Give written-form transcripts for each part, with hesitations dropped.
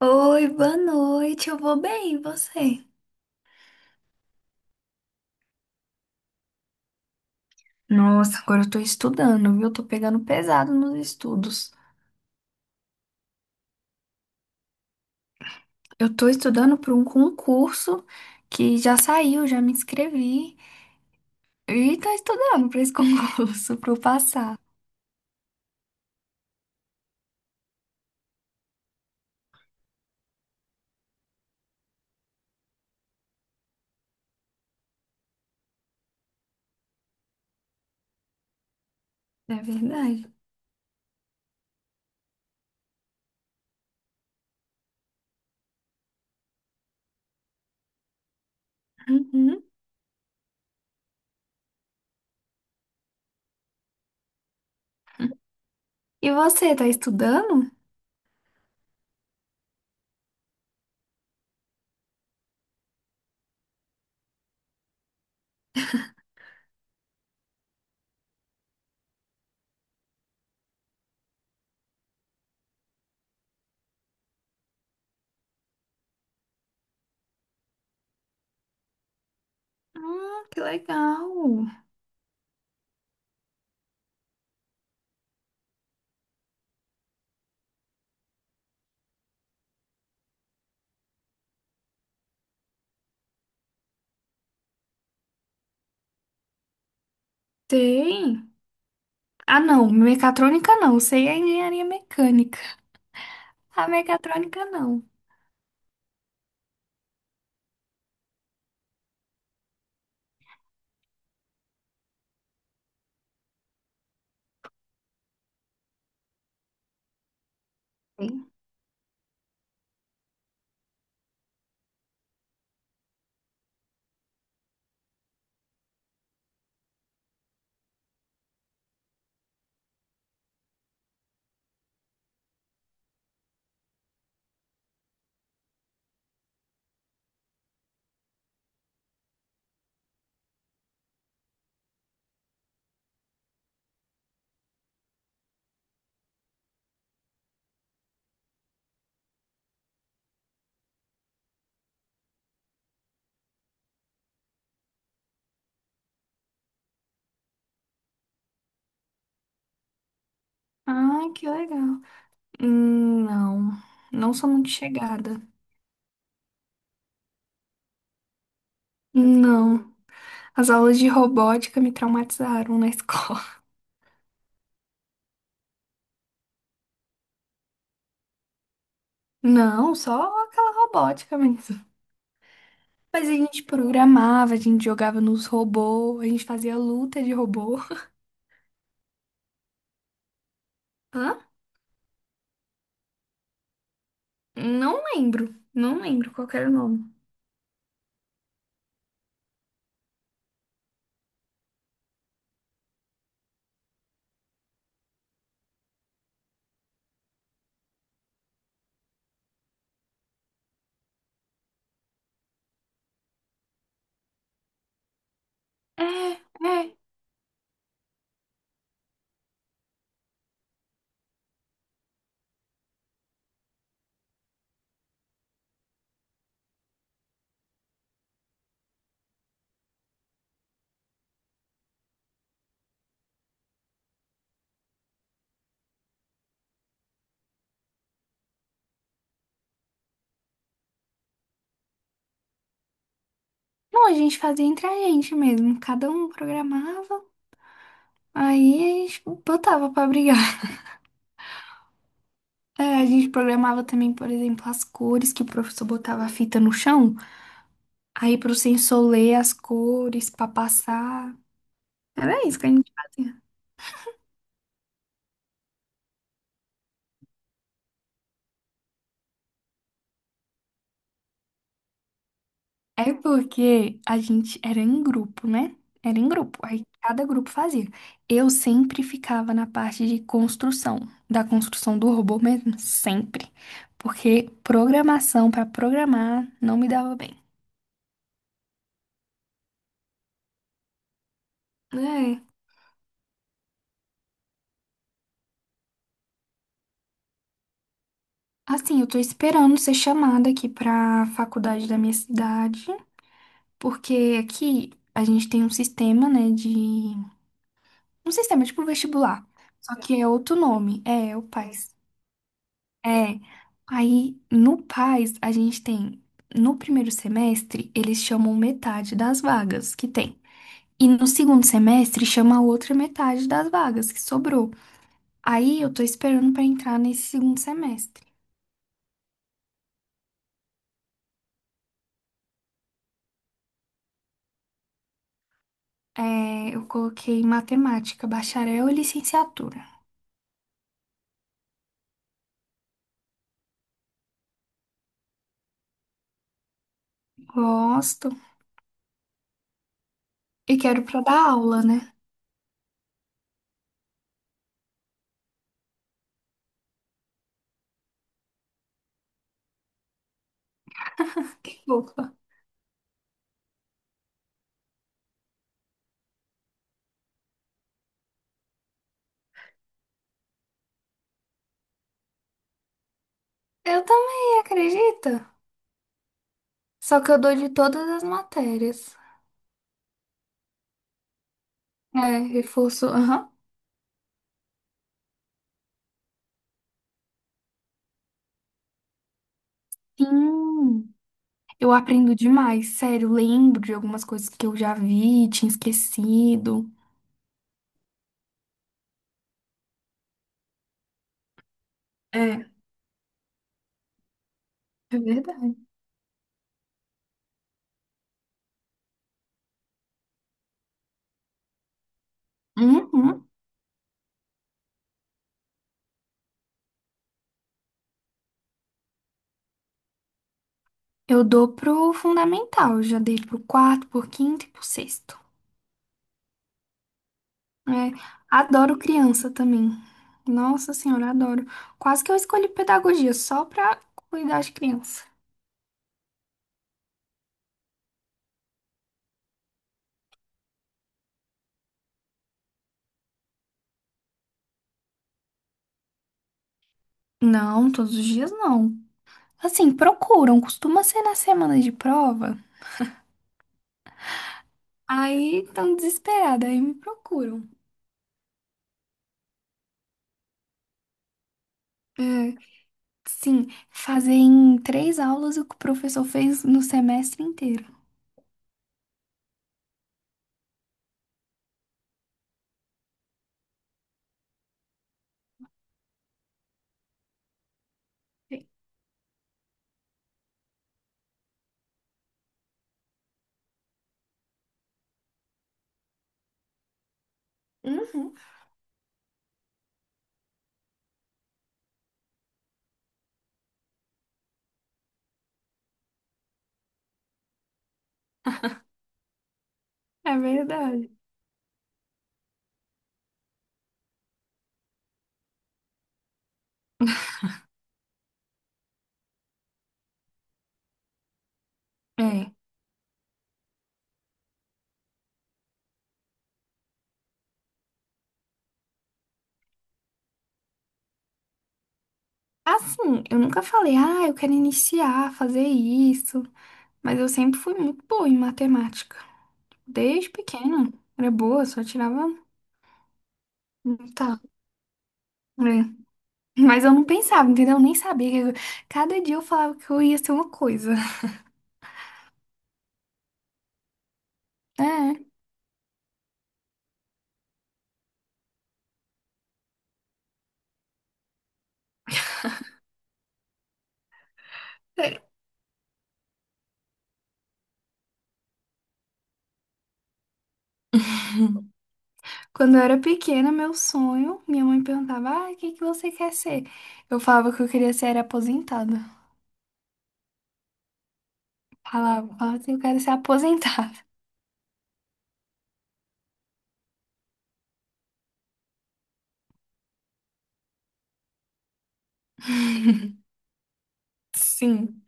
Oi, boa noite. Eu vou bem, e você? Nossa, agora eu tô estudando, viu? Eu tô pegando pesado nos estudos. Eu tô estudando para um concurso que já saiu, já me inscrevi. E tô estudando para esse concurso, para eu passar. É verdade. Uhum. E você, tá estudando? Ah, que legal. Tem. Ah, não, mecatrônica não. Sei a engenharia mecânica. A mecatrônica não. Tem. Ah, que legal. Não, não sou muito chegada. Não, as aulas de robótica me traumatizaram na escola. Não, só aquela robótica mesmo. Mas a gente programava, a gente jogava nos robôs, a gente fazia luta de robô. Hã? Não lembro, não lembro qual que era o nome. É, é. Não, a gente fazia entre a gente mesmo, cada um programava, aí a gente botava pra brigar. É, a gente programava também, por exemplo, as cores que o professor botava a fita no chão. Aí pro sensor ler as cores pra passar. Era isso que a gente fazia. É porque a gente era em grupo, né? Era em grupo. Aí cada grupo fazia. Eu sempre ficava na parte de construção, da construção do robô mesmo, sempre. Porque programação pra programar não me dava bem. É. Assim, eu tô esperando ser chamada aqui pra faculdade da minha cidade, porque aqui a gente tem um sistema, né, de um sistema tipo vestibular, só que é outro nome, é o Paz. PAS. É. Aí no PAS a gente tem, no primeiro semestre, eles chamam metade das vagas que tem. E no segundo semestre chama a outra metade das vagas que sobrou. Aí eu tô esperando pra entrar nesse segundo semestre. É, eu coloquei matemática, bacharel e licenciatura. Gosto. E quero pra dar aula, né? Opa. Eu também, acredita? Só que eu dou de todas as matérias. É, reforço. Aham. Sim. Eu aprendo demais, sério. Lembro de algumas coisas que eu já vi, tinha esquecido. É, é verdade. Uhum. Eu dou pro fundamental. Eu já dei pro quarto, pro quinto e pro sexto. É, adoro criança também. Nossa senhora, adoro. Quase que eu escolhi pedagogia só pra cuidar de criança. Não, todos os dias não. Assim, procuram. Costuma ser na semana de prova. Aí tão desesperada, aí me procuram. É, sim, fazer em três aulas o que o professor fez no semestre inteiro. Uhum. É verdade. É. Assim, eu nunca falei, ah, eu quero iniciar, fazer isso. Mas eu sempre fui muito boa em matemática. Desde pequena. Era boa, só tirava um. Tá. É. Mas eu não pensava, entendeu? Eu nem sabia. Cada dia eu falava que eu ia ser uma coisa. É. Quando eu era pequena, meu sonho, minha mãe perguntava: ah, o que que você quer ser? Eu falava que eu queria ser aposentada. Falava, falava assim, eu quero ser aposentada. Sim,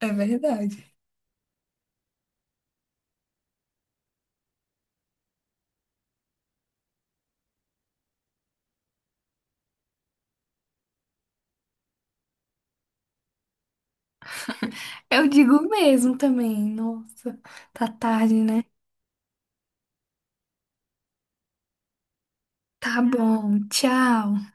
é verdade. Eu digo mesmo também. Nossa, tá tarde, né? Tá bom, tchau.